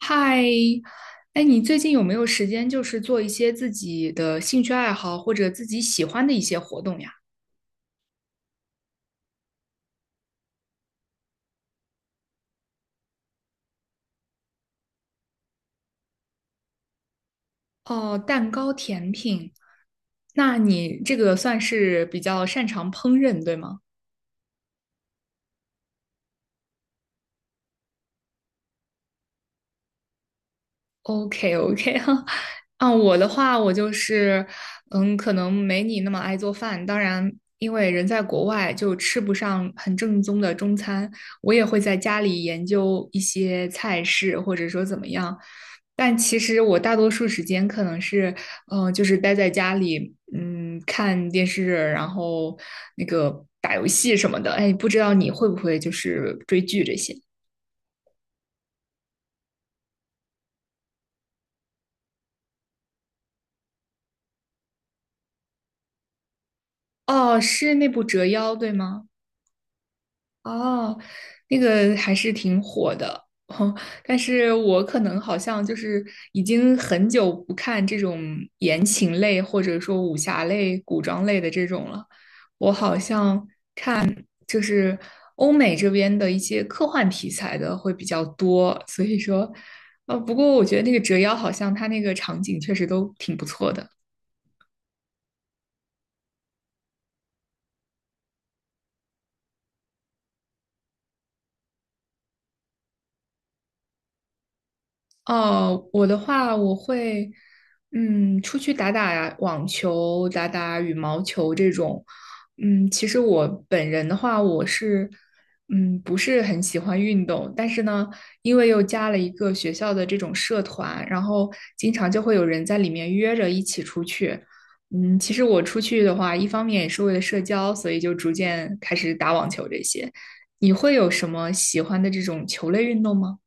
嗨，哎，你最近有没有时间，就是做一些自己的兴趣爱好或者自己喜欢的一些活动呀？哦，蛋糕、甜品，那你这个算是比较擅长烹饪，对吗？OK OK 啊，我的话，我就是，可能没你那么爱做饭。当然，因为人在国外，就吃不上很正宗的中餐。我也会在家里研究一些菜式，或者说怎么样。但其实我大多数时间可能是，就是待在家里，嗯，看电视，然后那个打游戏什么的。哎，不知道你会不会就是追剧这些？哦，是那部《折腰》，对吗？哦，那个还是挺火的，但是我可能好像就是已经很久不看这种言情类或者说武侠类、古装类的这种了。我好像就是欧美这边的一些科幻题材的会比较多，所以说，不过我觉得那个折腰好像它那个场景确实都挺不错的。哦，我的话，我会，出去打打网球、打打羽毛球这种。嗯，其实我本人的话，我是，不是很喜欢运动，但是呢，因为又加了一个学校的这种社团，然后经常就会有人在里面约着一起出去。嗯，其实我出去的话，一方面也是为了社交，所以就逐渐开始打网球这些。你会有什么喜欢的这种球类运动吗？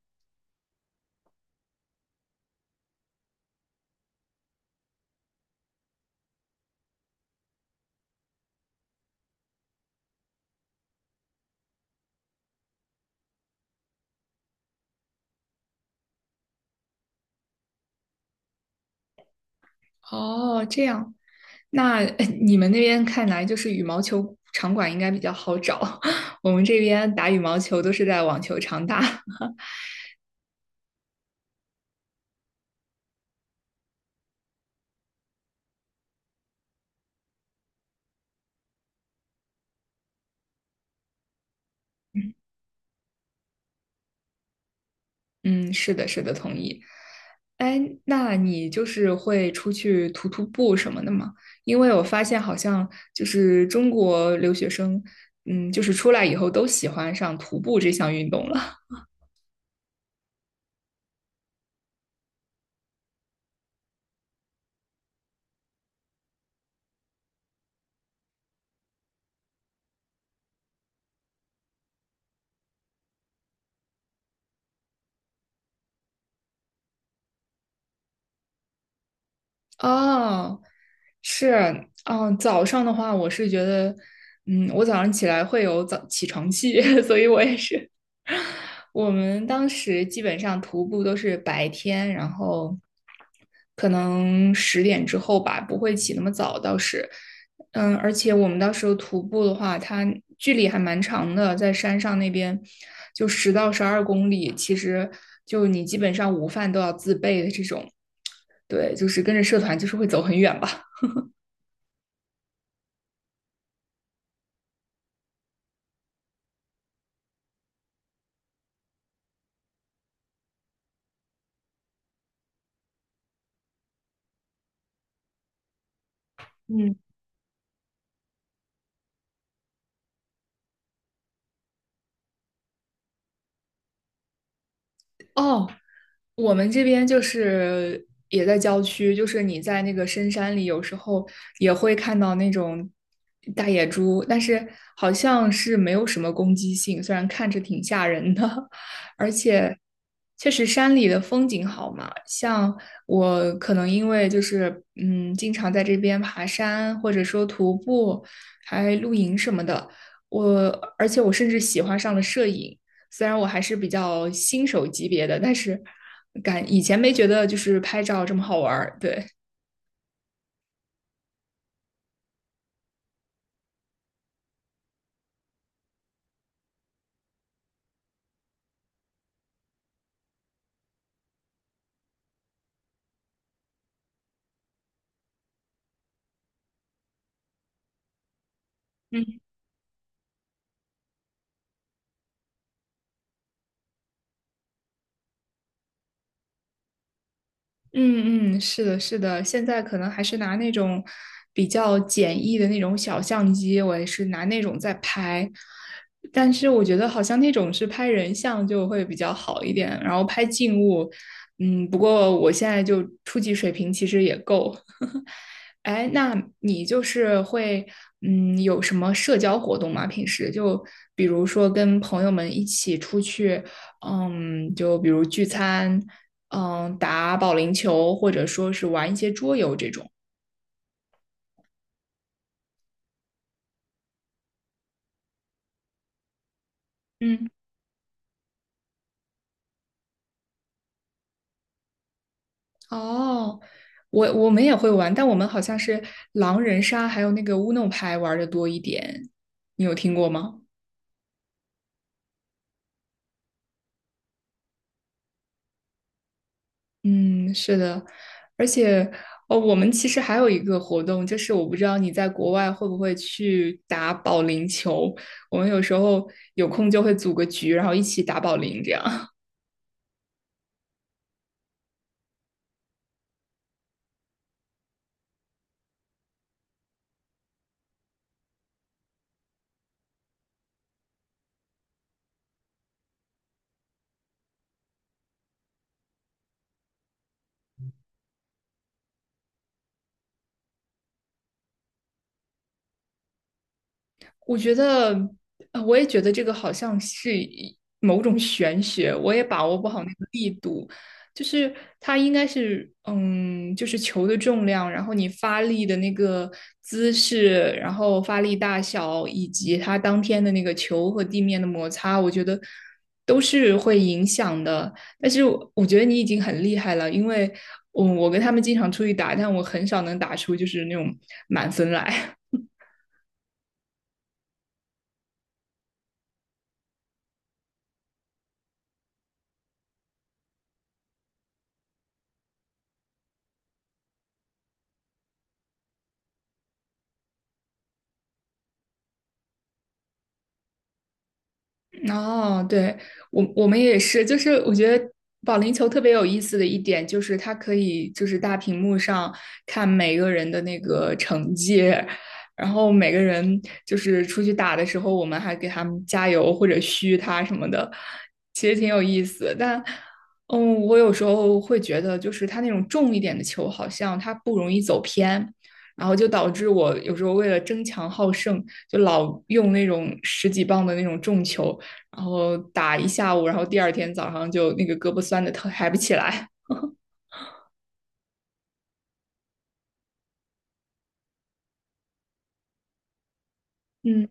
哦，这样。那你们那边看来就是羽毛球场馆应该比较好找，我们这边打羽毛球都是在网球场打。嗯，是的，是的，同意。哎，那你就是会出去徒步什么的吗？因为我发现好像就是中国留学生，嗯，就是出来以后都喜欢上徒步这项运动了。哦，是，嗯，早上的话，我是觉得，我早上起来会有早起床气，所以我也是。我们当时基本上徒步都是白天，然后可能10点之后吧，不会起那么早，倒是，嗯，而且我们到时候徒步的话，它距离还蛮长的，在山上那边就10到12公里，其实就你基本上午饭都要自备的这种。对，就是跟着社团就是会走很远吧。嗯，哦，我们这边就是也在郊区，就是你在那个深山里，有时候也会看到那种大野猪，但是好像是没有什么攻击性，虽然看着挺吓人的，而且确实山里的风景好嘛。像我可能因为就是经常在这边爬山，或者说徒步，还露营什么的，我而且我甚至喜欢上了摄影。虽然我还是比较新手级别的，但是感以前没觉得就是拍照这么好玩儿。对，嗯嗯，是的，是的，现在可能还是拿那种比较简易的那种小相机，我也是拿那种在拍。但是我觉得好像那种是拍人像就会比较好一点，然后拍静物，不过我现在就初级水平其实也够。哎，那你就是会，有什么社交活动吗？平时就比如说跟朋友们一起出去，嗯，就比如聚餐，嗯，打保龄球，或者说是玩一些桌游这种。嗯，哦，我们也会玩，但我们好像是狼人杀还有那个乌弄牌玩的多一点。你有听过吗？嗯，是的，而且哦，我们其实还有一个活动，就是我不知道你在国外会不会去打保龄球，我们有时候有空就会组个局，然后一起打保龄这样。我觉得，我也觉得这个好像是一某种玄学，我也把握不好那个力度。就是它应该是，就是球的重量，然后你发力的那个姿势，然后发力大小，以及它当天的那个球和地面的摩擦，我觉得都是会影响的。但是我觉得你已经很厉害了，因为我跟他们经常出去打，但我很少能打出就是那种满分来。哦，对，我们也是，就是我觉得保龄球特别有意思的一点就是它可以就是大屏幕上看每个人的那个成绩，然后每个人就是出去打的时候，我们还给他们加油或者嘘他什么的，其实挺有意思。但我有时候会觉得就是它那种重一点的球好像它不容易走偏。然后就导致我有时候为了争强好胜，就老用那种十几磅的那种重球，然后打一下午，然后第二天早上就那个胳膊酸的疼，抬不起来。嗯，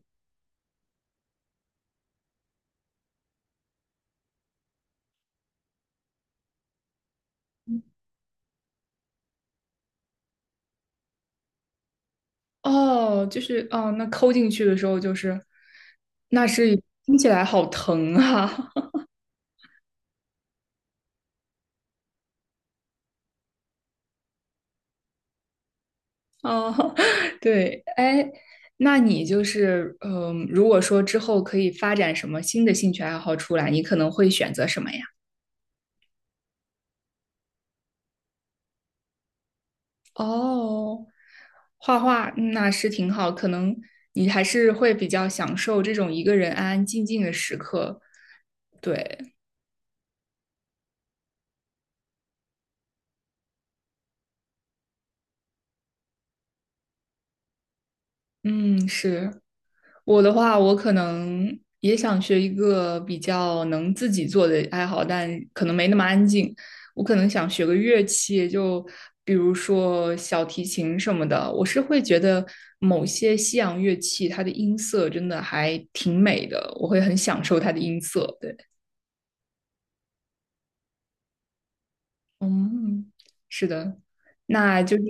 哦，那抠进去的时候就是，那是听起来好疼啊！哦，对，哎，那你就是如果说之后可以发展什么新的兴趣爱好出来，你可能会选择什么呀？哦，画画那是挺好，可能你还是会比较享受这种一个人安安静静的时刻。对，嗯，是。我的话，我可能也想学一个比较能自己做的爱好，但可能没那么安静。我可能想学个乐器，就比如说小提琴什么的。我是会觉得某些西洋乐器它的音色真的还挺美的，我会很享受它的音色。对。嗯，是的，那就是，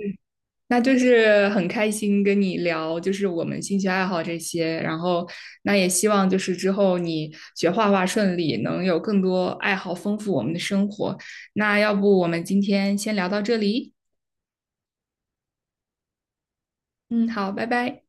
很开心跟你聊，就是我们兴趣爱好这些，然后那也希望就是之后你学画画顺利，能有更多爱好丰富我们的生活。那要不我们今天先聊到这里？嗯，好，拜拜。